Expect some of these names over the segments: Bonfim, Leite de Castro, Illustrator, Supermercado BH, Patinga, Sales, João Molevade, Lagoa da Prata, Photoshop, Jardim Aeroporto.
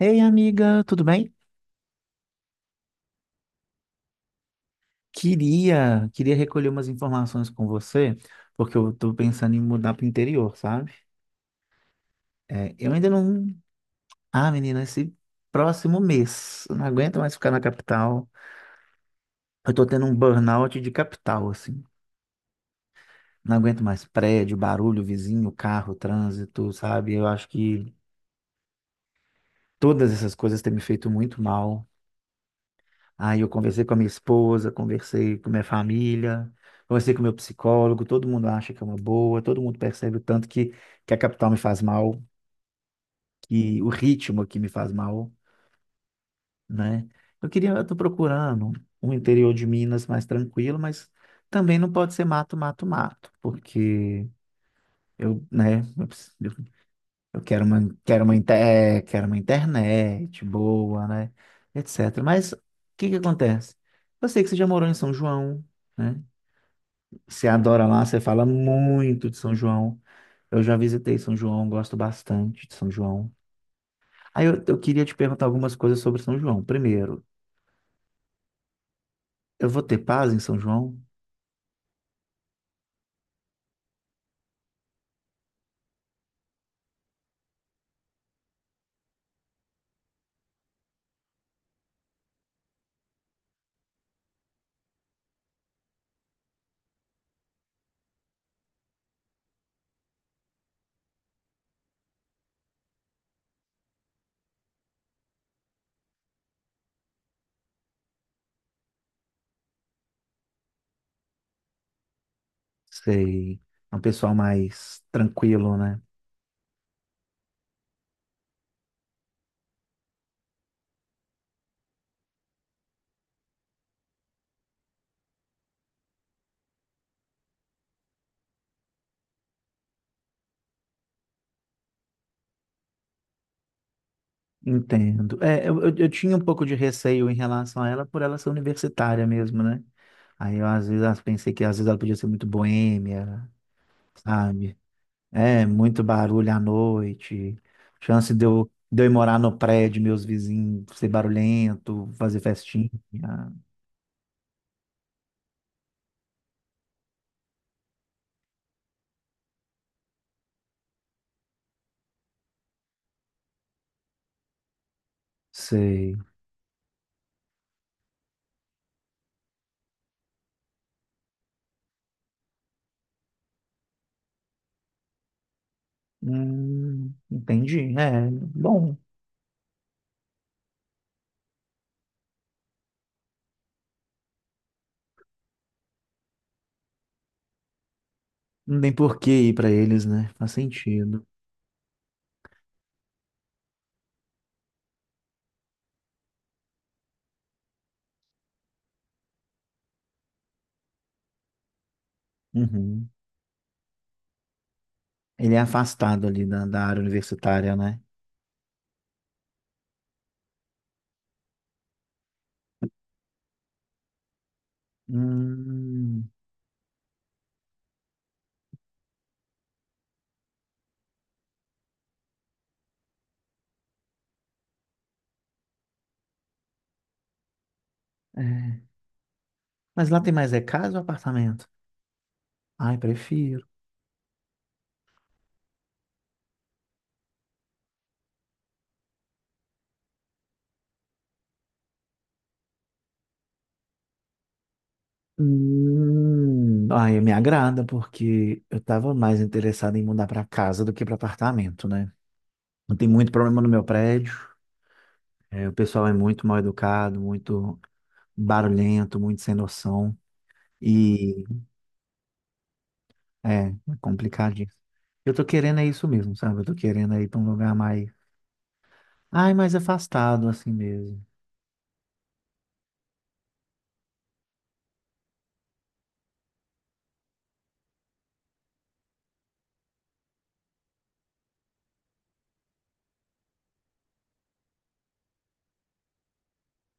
Ei, amiga, tudo bem? Queria recolher umas informações com você, porque eu tô pensando em mudar pro interior, sabe? É, eu ainda não. Ah, menina, esse próximo mês, eu não aguento mais ficar na capital. Eu tô tendo um burnout de capital, assim. Não aguento mais prédio, barulho, vizinho, carro, trânsito, sabe? Eu acho que todas essas coisas têm me feito muito mal. Aí eu conversei com a minha esposa, conversei com minha família, conversei com meu psicólogo, todo mundo acha que é uma boa, todo mundo percebe o tanto que a capital me faz mal, que o ritmo aqui me faz mal, né? Eu tô procurando um interior de Minas mais tranquilo, mas também não pode ser mato, mato, mato, porque né, eu quero uma internet boa, né, etc. Mas o que que acontece? Eu sei que você já morou em São João, né? Você adora lá, você fala muito de São João. Eu já visitei São João, gosto bastante de São João. Aí eu queria te perguntar algumas coisas sobre São João. Primeiro, eu vou ter paz em São João? Sei, é um pessoal mais tranquilo, né? Entendo. É, eu tinha um pouco de receio em relação a ela, por ela ser universitária mesmo, né? Aí eu às vezes pensei que às vezes ela podia ser muito boêmia, sabe? É, muito barulho à noite. Chance de eu ir morar no prédio, meus vizinhos ser barulhento, fazer festinha. Sei. Entendi. É, bom. Não tem por que ir pra eles, né? Faz sentido. Uhum. Ele é afastado ali da área universitária, né? Hum, é. Mas lá tem mais é casa ou apartamento? Ai, prefiro. Ai, me agrada porque eu estava mais interessado em mudar para casa do que para apartamento, né? Não tem muito problema no meu prédio. É, o pessoal é muito mal educado, muito barulhento, muito sem noção e é complicadinho. Eu tô querendo é isso mesmo, sabe? Eu tô querendo é ir para um lugar mais, ai, mais afastado assim mesmo.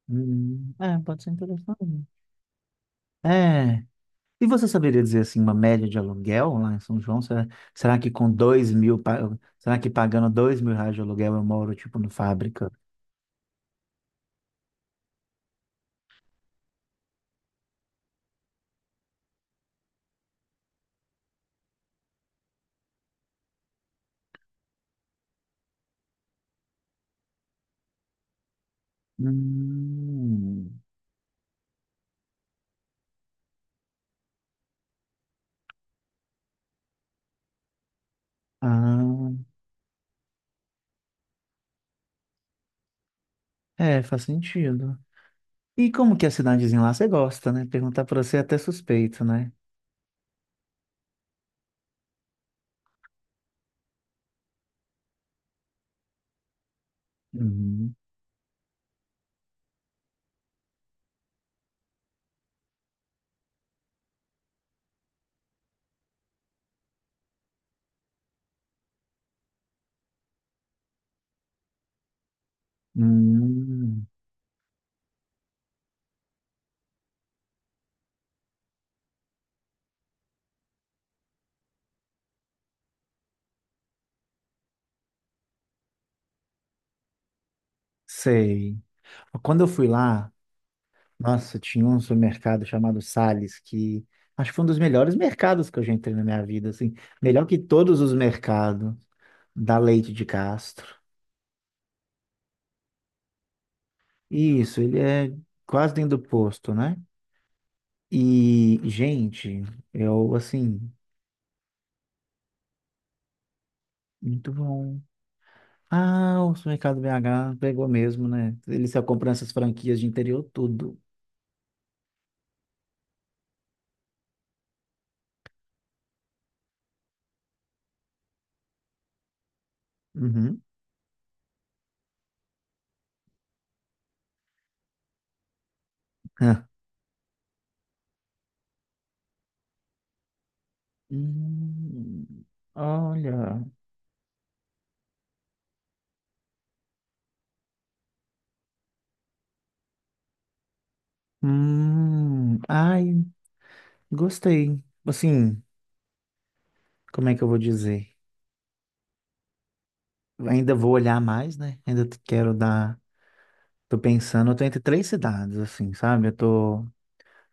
É, pode ser interessante. É, e você saberia dizer assim uma média de aluguel lá em São João? Será que com dois mil, pa- será que pagando R$ 2.000 de aluguel eu moro tipo no fábrica? Hum, ah, é, faz sentido. E como que é a cidadezinha lá você gosta, né? Perguntar pra você é até suspeito, né? Uhum. Hum, sei. Quando eu fui lá, nossa, tinha um supermercado chamado Sales que acho que foi um dos melhores mercados que eu já entrei na minha vida, assim, melhor que todos os mercados. Da Leite de Castro. Isso, ele é quase dentro do posto, né? E, gente, eu, assim, muito bom. Ah, o Supermercado BH pegou mesmo, né? Ele saiu comprando essas franquias de interior, tudo. Uhum. Ah. Hum, olha. Ai, gostei. Assim, como é que eu vou dizer? Ainda vou olhar mais, né? Ainda quero dar. Tô pensando, eu tô entre três cidades, assim, sabe? Eu tô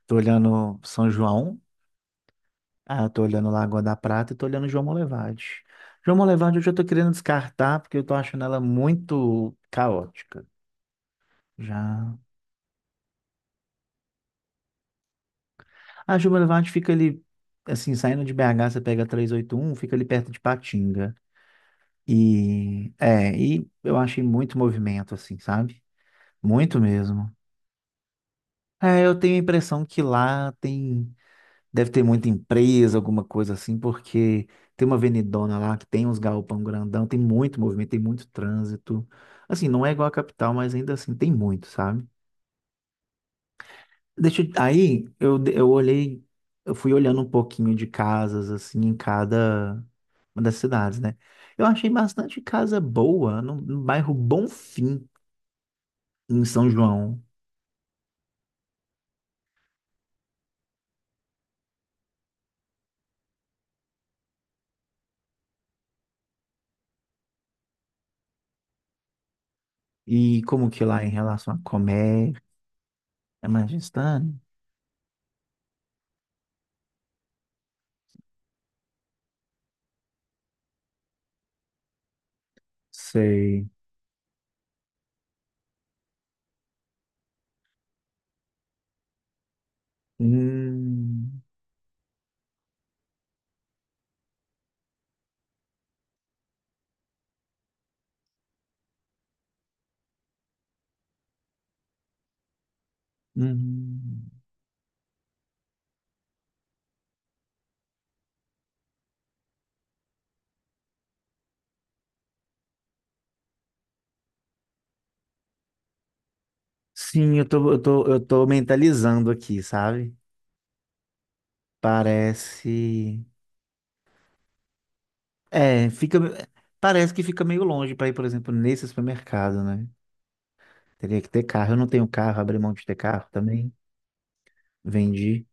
Tô olhando São João, ah, eu tô olhando Lagoa da Prata e tô olhando João Molevade. João Molevade eu já tô querendo descartar porque eu tô achando ela muito caótica. Já. A João Molevade fica ali, assim, saindo de BH, você pega 381, fica ali perto de Patinga. E eu achei muito movimento, assim, sabe? Muito mesmo. É, eu tenho a impressão que lá tem. Deve ter muita empresa, alguma coisa assim, porque tem uma avenidona lá que tem uns galpão grandão, tem muito movimento, tem muito trânsito. Assim, não é igual a capital, mas ainda assim tem muito, sabe? Deixa, eu- aí eu, de- eu olhei, eu fui olhando um pouquinho de casas, assim, em cada uma das cidades, né? Eu achei bastante casa boa no bairro Bonfim, em São João. E como que lá em relação a comércio, é mais distante? Sei. Hum. Uhum. Sim, eu tô mentalizando aqui, sabe? Parece. É, fica. Parece que fica meio longe para ir, por exemplo, nesse supermercado, né? Teria que ter carro. Eu não tenho carro, abri mão de ter carro também. Vendi.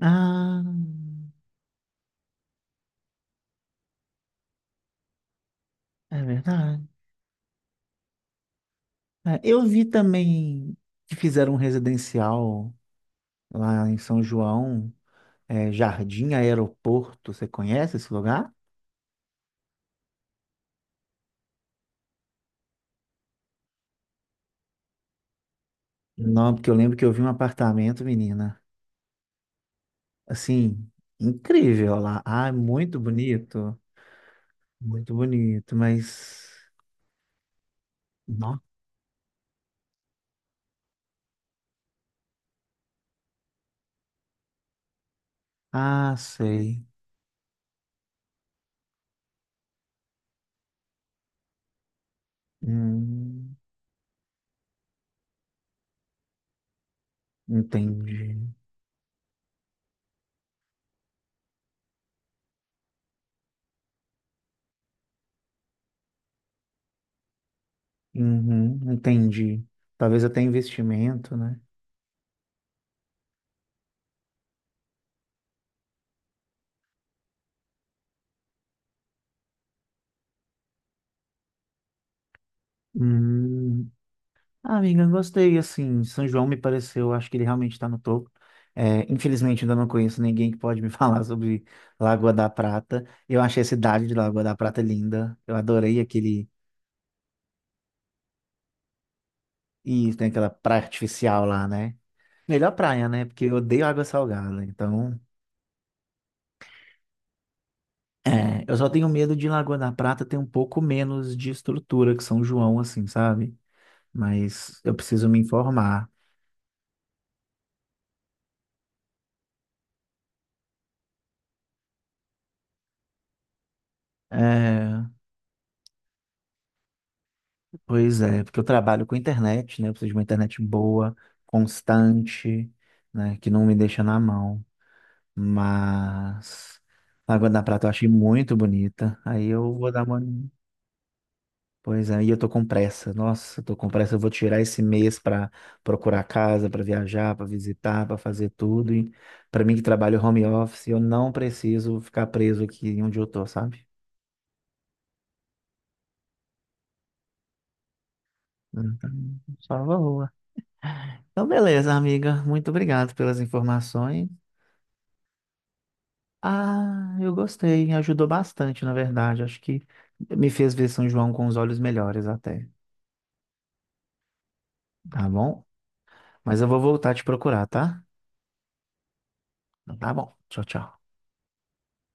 Ah, é verdade. É, eu vi também que fizeram um residencial lá em São João, Jardim Aeroporto. Você conhece esse lugar? Não, porque eu lembro que eu vi um apartamento, menina, assim, incrível lá. Ah, é muito bonito, mas não. Ah, sei. Hum, entendi. Uhum, entendi. Talvez até investimento, né? Hum, ah, amiga, eu gostei. Assim, São João me pareceu, acho que ele realmente está no topo. É, infelizmente, ainda não conheço ninguém que pode me falar sobre Lagoa da Prata. Eu achei a cidade de Lagoa da Prata linda. Eu adorei aquele. E tem aquela praia artificial lá, né? Melhor praia, né? Porque eu odeio água salgada. Então, eu só tenho medo de Lagoa da Prata ter um pouco menos de estrutura que São João, assim, sabe? Mas eu preciso me informar. É, pois é, porque eu trabalho com internet, né? Eu preciso de uma internet boa, constante, né? Que não me deixa na mão. Mas Lagoa da Prata eu achei muito bonita. Aí eu vou dar uma. Pois aí eu tô com pressa. Nossa, eu tô com pressa. Eu vou tirar esse mês pra procurar casa, pra viajar, pra visitar, pra fazer tudo. E para mim que trabalho home office, eu não preciso ficar preso aqui onde eu tô, sabe? Então, só voa. Então, beleza, amiga. Muito obrigado pelas informações. Ah, eu gostei. Ajudou bastante, na verdade. Acho que me fez ver São João com os olhos melhores até. Tá bom? Mas eu vou voltar a te procurar, tá? Então, tá bom. Tchau, tchau.